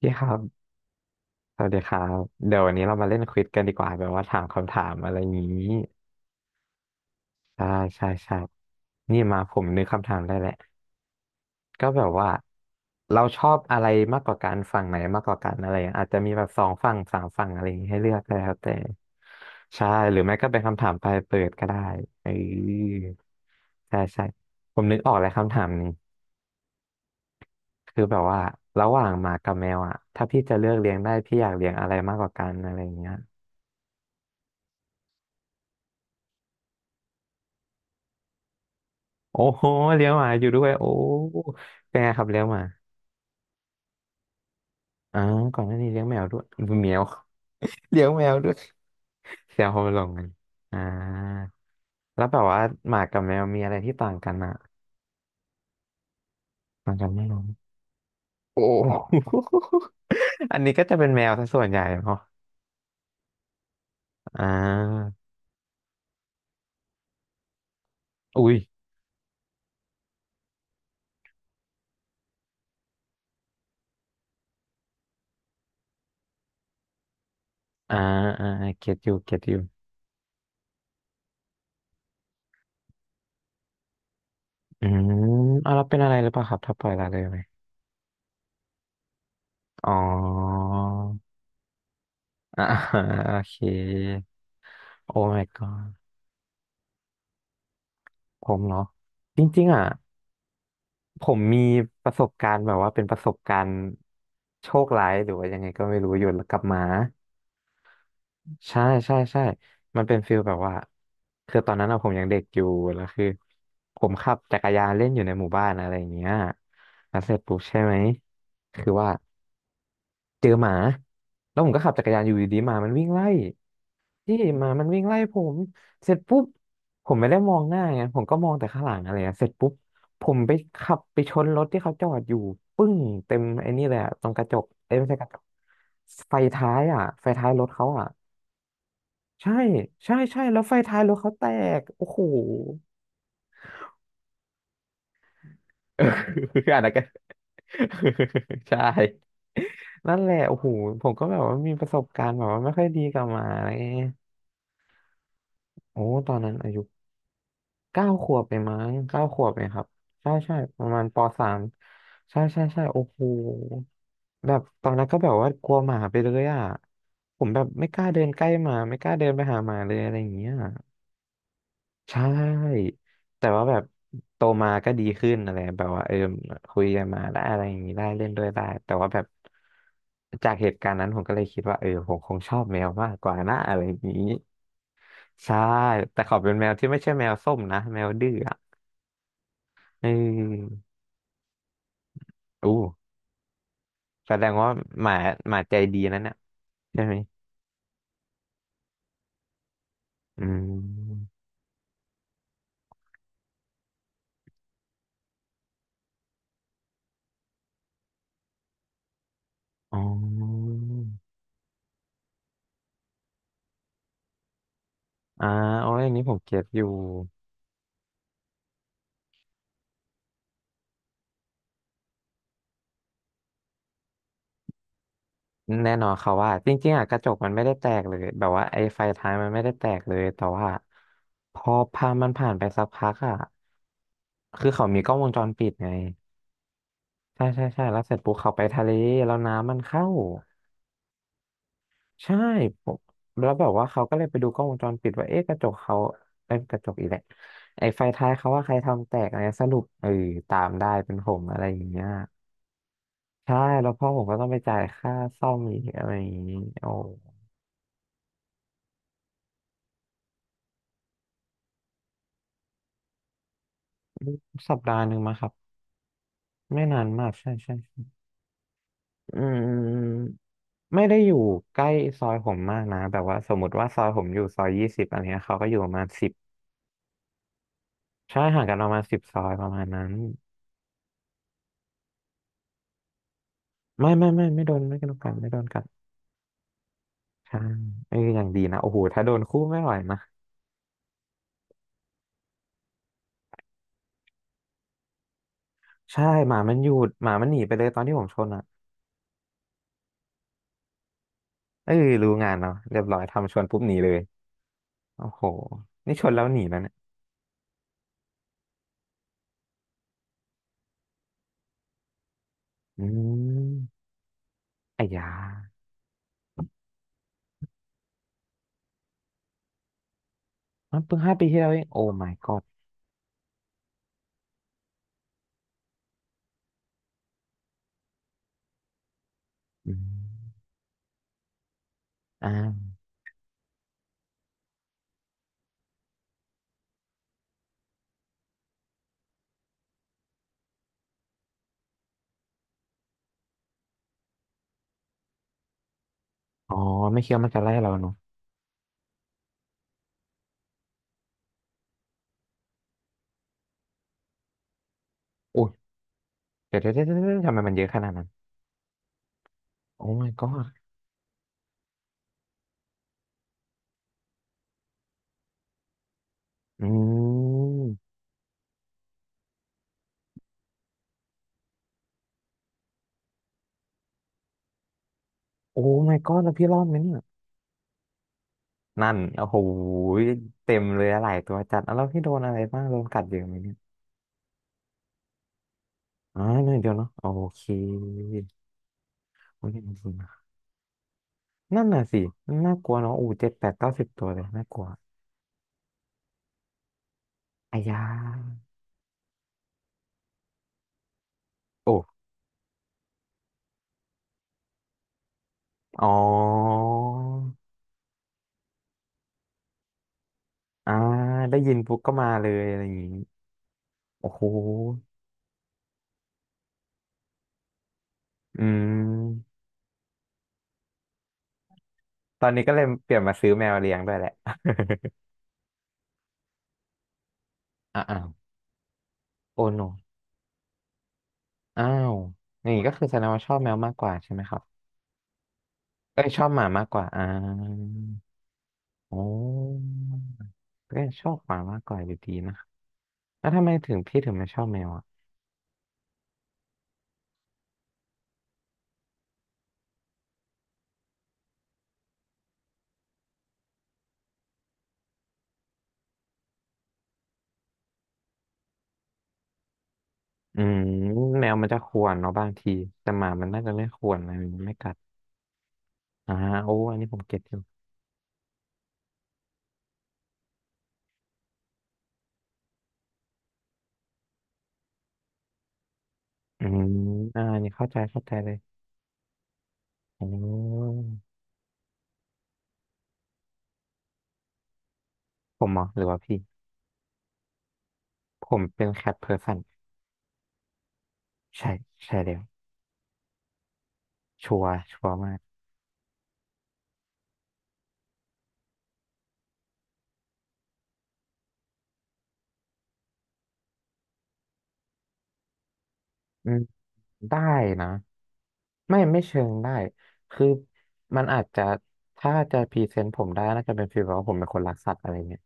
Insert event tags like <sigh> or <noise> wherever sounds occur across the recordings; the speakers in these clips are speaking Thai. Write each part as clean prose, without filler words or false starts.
พี่ครับสวัสดีครับ เดี๋ยววันนี้เรามาเล่นควิซกันดีกว่าแบบว่าถามคำถามอะไรอย่างนี้ใช่ใช่ใช่นี่มาผมนึกคำถามได้แหละ ก็แบบว่าเราชอบอะไรมากกว่ากันฝั่งไหนมากกว่ากันอะไรอย่างเงี้ยอาจจะมีแบบสองฝั่งสามฝั่งอะไรอย่างงี้ให้เลือกก็แล้วแต่ใช่หรือไม่ก็เป็นคำถามปลายเปิดก็ได้เออใช่ใช่ผมนึกออกแล้วคำถามนี้คือแบบว่าระหว่างหมากับแมวอ่ะถ้าพี่จะเลือกเลี้ยงได้พี่อยากเลี้ยงอะไรมากกว่ากันอะไรอย่างเงี้ย โอ้โหเลี้ยงหมาอยู่ด้วยโอ้เป็นไงครับเลี้ยงหมาอ๋อก่อนหน้านี้เลี้ยงแมวด้วยแมว <laughs> เลี้ยงแมวด้วยแซวเขาไปลงกันอ่าแล้วแบบว่าหมากับแมวมีอะไรที่ต่างกันอ่ะต่างกันไม่รู้โอ้ <laughs> อันนี้ก็จะเป็นแมวซะส่วนใหญ่เนาะอ่าอุ้ยอ่าอ่าเก็ตอยู่เก็ตอยู่อืมเอาแล้วเป็นอะไรหรือเปล่าครับถ้าปล่อยละเลยไหมอ๋อ <laughs> อ่าโอเคโอ้ my god ผมเนาะจริงๆอ่ะผมมีประสบการณ์แบบว่าเป็นประสบการณ์โชคร้ายหรือว่ายังไงก็ไม่รู้อยู่กับหมาใช่ใช่ใช่มันเป็นฟิลแบบว่าคือตอนนั้นอะผมยังเด็กอยู่แล้วคือผมขับจักรยานเล่นอยู่ในหมู่บ้านอะไรอย่างเงี้ยแล้วเสร็จปุ๊บใช่ไหมคือว่าเจอหมาแล้วผมก็ขับจักรยานอยู่ดีๆหมามันวิ่งไล่ พี่หมามันวิ่งไล่ผมเสร็จปุ๊บผมไม่ได้มองหน้าไงผมก็มองแต่ข้างหลังอะไรอะเสร็จปุ๊บผมไปขับไปชนรถที่เขาจอดอยู่ปึ้งเต็มไอ้นี่เลยอะตรงกระจกเอ้ยไม่ใช่กระจกไฟท้ายอ่ะไฟท้ายรถเขาอ่ะใช่ใช่ใช่แล้วไฟท้ายรถเขาแตกโอ้โหเอออันนั้นก็ <laughs> ใช่นั่นแหละโอ้โหผมก็แบบว่ามีประสบการณ์แบบว่าไม่ค่อยดีกับหมาอะไรเงี้ยโอ้ตอนนั้นอายุ เก้าขวบเองมั้งเก้าขวบเองครับใช่ใช่ประมาณป.3ใช่ใช่ใช่โอ้โหแบบตอนนั้นก็แบบว่ากลัวหมาไปเลยอ่ะผมแบบไม่กล้าเดินใกล้หมาไม่กล้าเดินไปหาหมาเลยอะไรอย่างเงี้ยใช่ แต่ว่าแบบโตมาก็ดีขึ้นอะไรแบบว่าเออคุยกันมาได้อะไรอย่างนี้ได้เล่นด้วยได้แต่ว่าแบบจากเหตุการณ์นั้นผมก็เลยคิดว่าเออผมคงชอบแมวมากกว่านะอะไรอย่างนี้ใช่ แต่เขาเป็นแมวที่ไม่ใช่แมวส้มนะแมวดื้อ เอออู้แสดงว่าหมาหมาใจดีนั่นน่ะใช่ไหมอืมอ๋ออ่าโอ้ยอันนี้ผมเก็ตอยู่ แน่นอนเขาว่าจริงๆอ่ะกระจกมันไม่ได้แตกเลย แบบว่าไอ้ไฟท้ายมันไม่ได้แตกเลย แต่ว่าพอพามันผ่านไปสักพักอ่ะ คือเขามีกล้องวงจรปิดไง ใช่ใช่ใช่แล้วเสร็จปุ๊บเขาไปทะเลแล้วน้ำมันเข้า ใช่ผมแล้วแบบว่าเขาก็เลยไปดูกล้องวงจรปิดว่าเอ๊ะกระจกเขาเอ้ยกระจกอีกแหละไอ้ไฟท้ายเขาว่าใครทำแตกอะไรสรุปเออตามได้เป็นผมอะไรอย่างเงี้ยใช่แล้วพ่อผมก็ต้องไปจ่ายค่าซ่อมอีกอะไรอย่างงี้โอ้สัปดาห์หนึ่งมาครับไม่นานมากใช่ใช่ใช่อืมอืมอืมไม่ได้อยู่ใกล้ซอยผมมากนะแบบว่าสมมติว่าซอยผมอยู่ซอย 20อะไรเงี้ยเขาก็อยู่ประมาณสิบใช่ห่างกันประมาณ10 ซอยประมาณนั้นไม่ไม่ไม่ไม่โดนไม่โดนกันไม่โดนกัน ใช่เอออย่างดีนะโอ้โหถ้าโดนคู่ไม่ไหวนะใช่หมามันหยุดหมามันหนีไปเลยตอนที่ผมชนอ่ะเอ้ยรู้งานเนาะเรียบร้อยทำชนปุ๊บหนีเลยโอ้โหนี่ชนแล้วหนีแล้วเนี่ยอืมไอ้ยามันเพิ่ง5 ปีที่แล้วเองโอ้ my god อืมอ่าอ๋อไม่คิดว่ามันจะไล่เราเนาะโอ้ยเดี๋ยวเดี๋ยวเดี๋ยวเดี๋ยวทำไมมันเยอะขนาดนั้นโอ้ my god อืมโอ้ my god แล้วพี่รอดไหมเนี่ยนั่นโอ้โหเต็มเลยอะหลายตัวจัดแล้วพี่โดนอะไรบ้างโดนกัดเยอะไหมเนี่ย อ่าหน่อยเดียวเนาะโอเคโอเคจริงๆนะนั่นน่ะสิน่ากลัวเนาะอู้7 8 9 10 ตัวเลยน่ากลัวอายาโอ้อ๋ออ่าได้ยินปุ๊บก็มาเลยอะไรอย่างงี้โอ้โหอืมตอนนี้ก็เลยเปลี่ยนมาซื้อแมวเลี้ยงด้วยแหละ <laughs> อ้าวโอ้โนอ้าวอย่างงี้ก็คือแสดงว่าชอบแมวมากกว่าใช่ไหมครับเอ้ยชอบหมามากกว่าอ่าโอ้ก็ยังชอบหมามากกว่าอยู่ดีนะ แล้วทำไมถึงพี่ถึงไม่ชอบแมวอ่ะอืมแมวมันจะข่วนเนาะบางทีแต่หมามันน่าจะไม่ข่วนนะมันไม่กัดอ่าโอ้อันนี้ผมเก็ตอยู่อืมอ่าอันนี่เข้าใจเข้าใจเลยอ๋อผมเหรอหรือว่าพี่ผมเป็นแคทเพอร์สันใช่ใช่แล้วชัวร์มากอืมได้นะไม่เชิงได้คือมันอาจจะถ้าจะพรีเซนต์ผมได้น่าจะเป็นฟีลแบบว่าผมเป็นคนรักสัตว์อะไรเงี้ย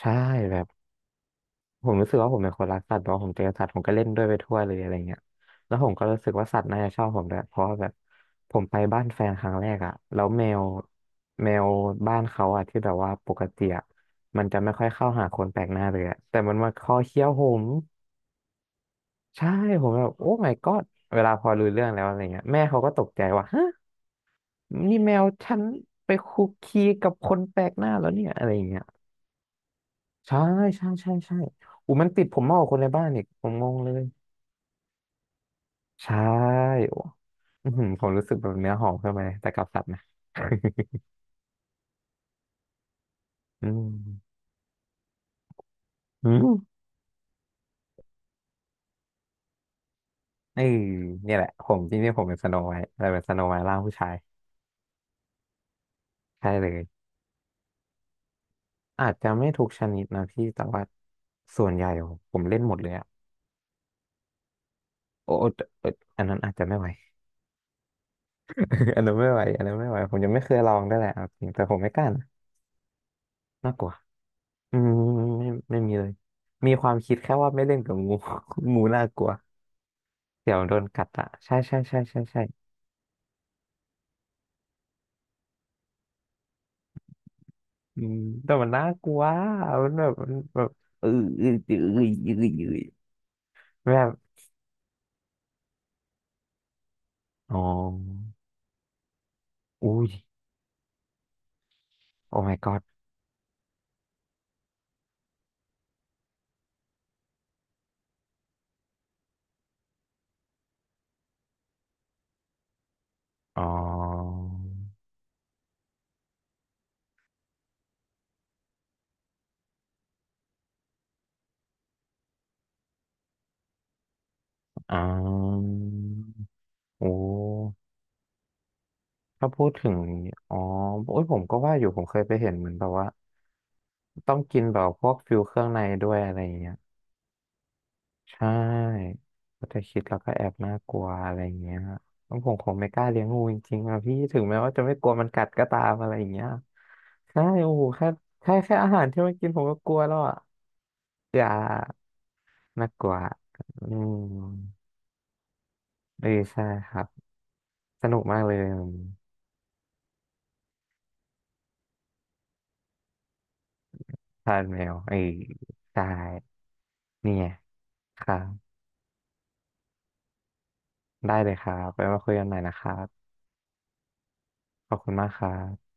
ใช่แบบ ผมรู้สึกว่าผมเป็นคนรักสัตว์เนาะผมเจอสัตว์ผมก็เล่นด้วยไปทั่วเลยอะไรเงี้ยแล้วผมก็รู้สึกว่าสัตว์น่าจะชอบผมด้วยเพราะว่าแบบผมไปบ้านแฟนครั้งแรกอะ แล้วแมวบ้านเขาอะที่แบบว่าปกติอะมันจะไม่ค่อยเข้าหาคนแปลกหน้าเลยอะแต่มันมาคอเคี้ยวผม ใช่ผมแบบโอ้ my god เวลาพอรู้เรื่องแล้วอะไรเงี้ยแม่เขาก็ตกใจว่าฮะนี่แมวฉันไปคุกคีกับคนแปลกหน้าแล้วเนี่ยอะไรเงี้ยใช่ใช่ใช่ใช่อูมันติดผมมากกว่าคนในบ้านอีกผมงงเลย ใช่โอ้อื้อหือผมรู้สึกแบบเนื้อหอมขึ้นมาเลยแต่กับสัตว์นะ <laughs> อืมอืมเออเนี่ยแหละผมจริงๆผมเป็นสโนไวท์แต่เป็นสโนไวท์ร่างผู้ชายใช่เลยอาจจะไม่ทุกชนิดนะพี่แต่ว่าส่วนใหญ่ผมเล่นหมดเลยอะโอ้แต่เอออันนั้นอาจจะไม่ไหว <laughs> อันนั้นไม่ไหวอันนั้นไม่ไหวผมยังไม่เคยลองได้วยแหละเอาจริงแต่ผมไม่กล้านะน่ากลัวอืมไม่มีเลยมีความคิดแค่ว่าไม่เล่นกับงู <laughs> งูน่ากลัวเดี๋ยวโดนกัดอ่ะใช่ใช่ใช่ใช่ใช่ อืมแต่มันน่ากลัวมันแบบมันแบบเออเออเออเออเออเออแบบอ๋ออุ้ยโอ้ my god อ๋ออ๋อโอ้ถ้าพูดถึงอ๋อโอ้ยผมก็ว่าอยู่ผมเคยไปเห็นเหมือนแบบว่าต้องกินแบบพวกฟิวเครื่องในด้วยอะไรอย่างเงี้ย ใช่ก็จะคิดแล้วก็แอบน่ากลัวอะไรอย่างเงี้ยแล้วผมคงไม่กล้าเลี้ยงงูจริงๆอะพี่ถึงแม้ว่าจะไม่กลัวมันกัดก็ตามอะไรอย่างเงี้ยใช่โอ้โหแค่แค่อาหารที่มันกินผมก็กลัวแล้วอะอย่าน่ากลัวอืมเออใช่ครับสนุกมากเลยทานแมวเออใช่เนี่ยครับได้เลยครับไปมาคุยกันใหม่นะครับขอบคุณมากครับ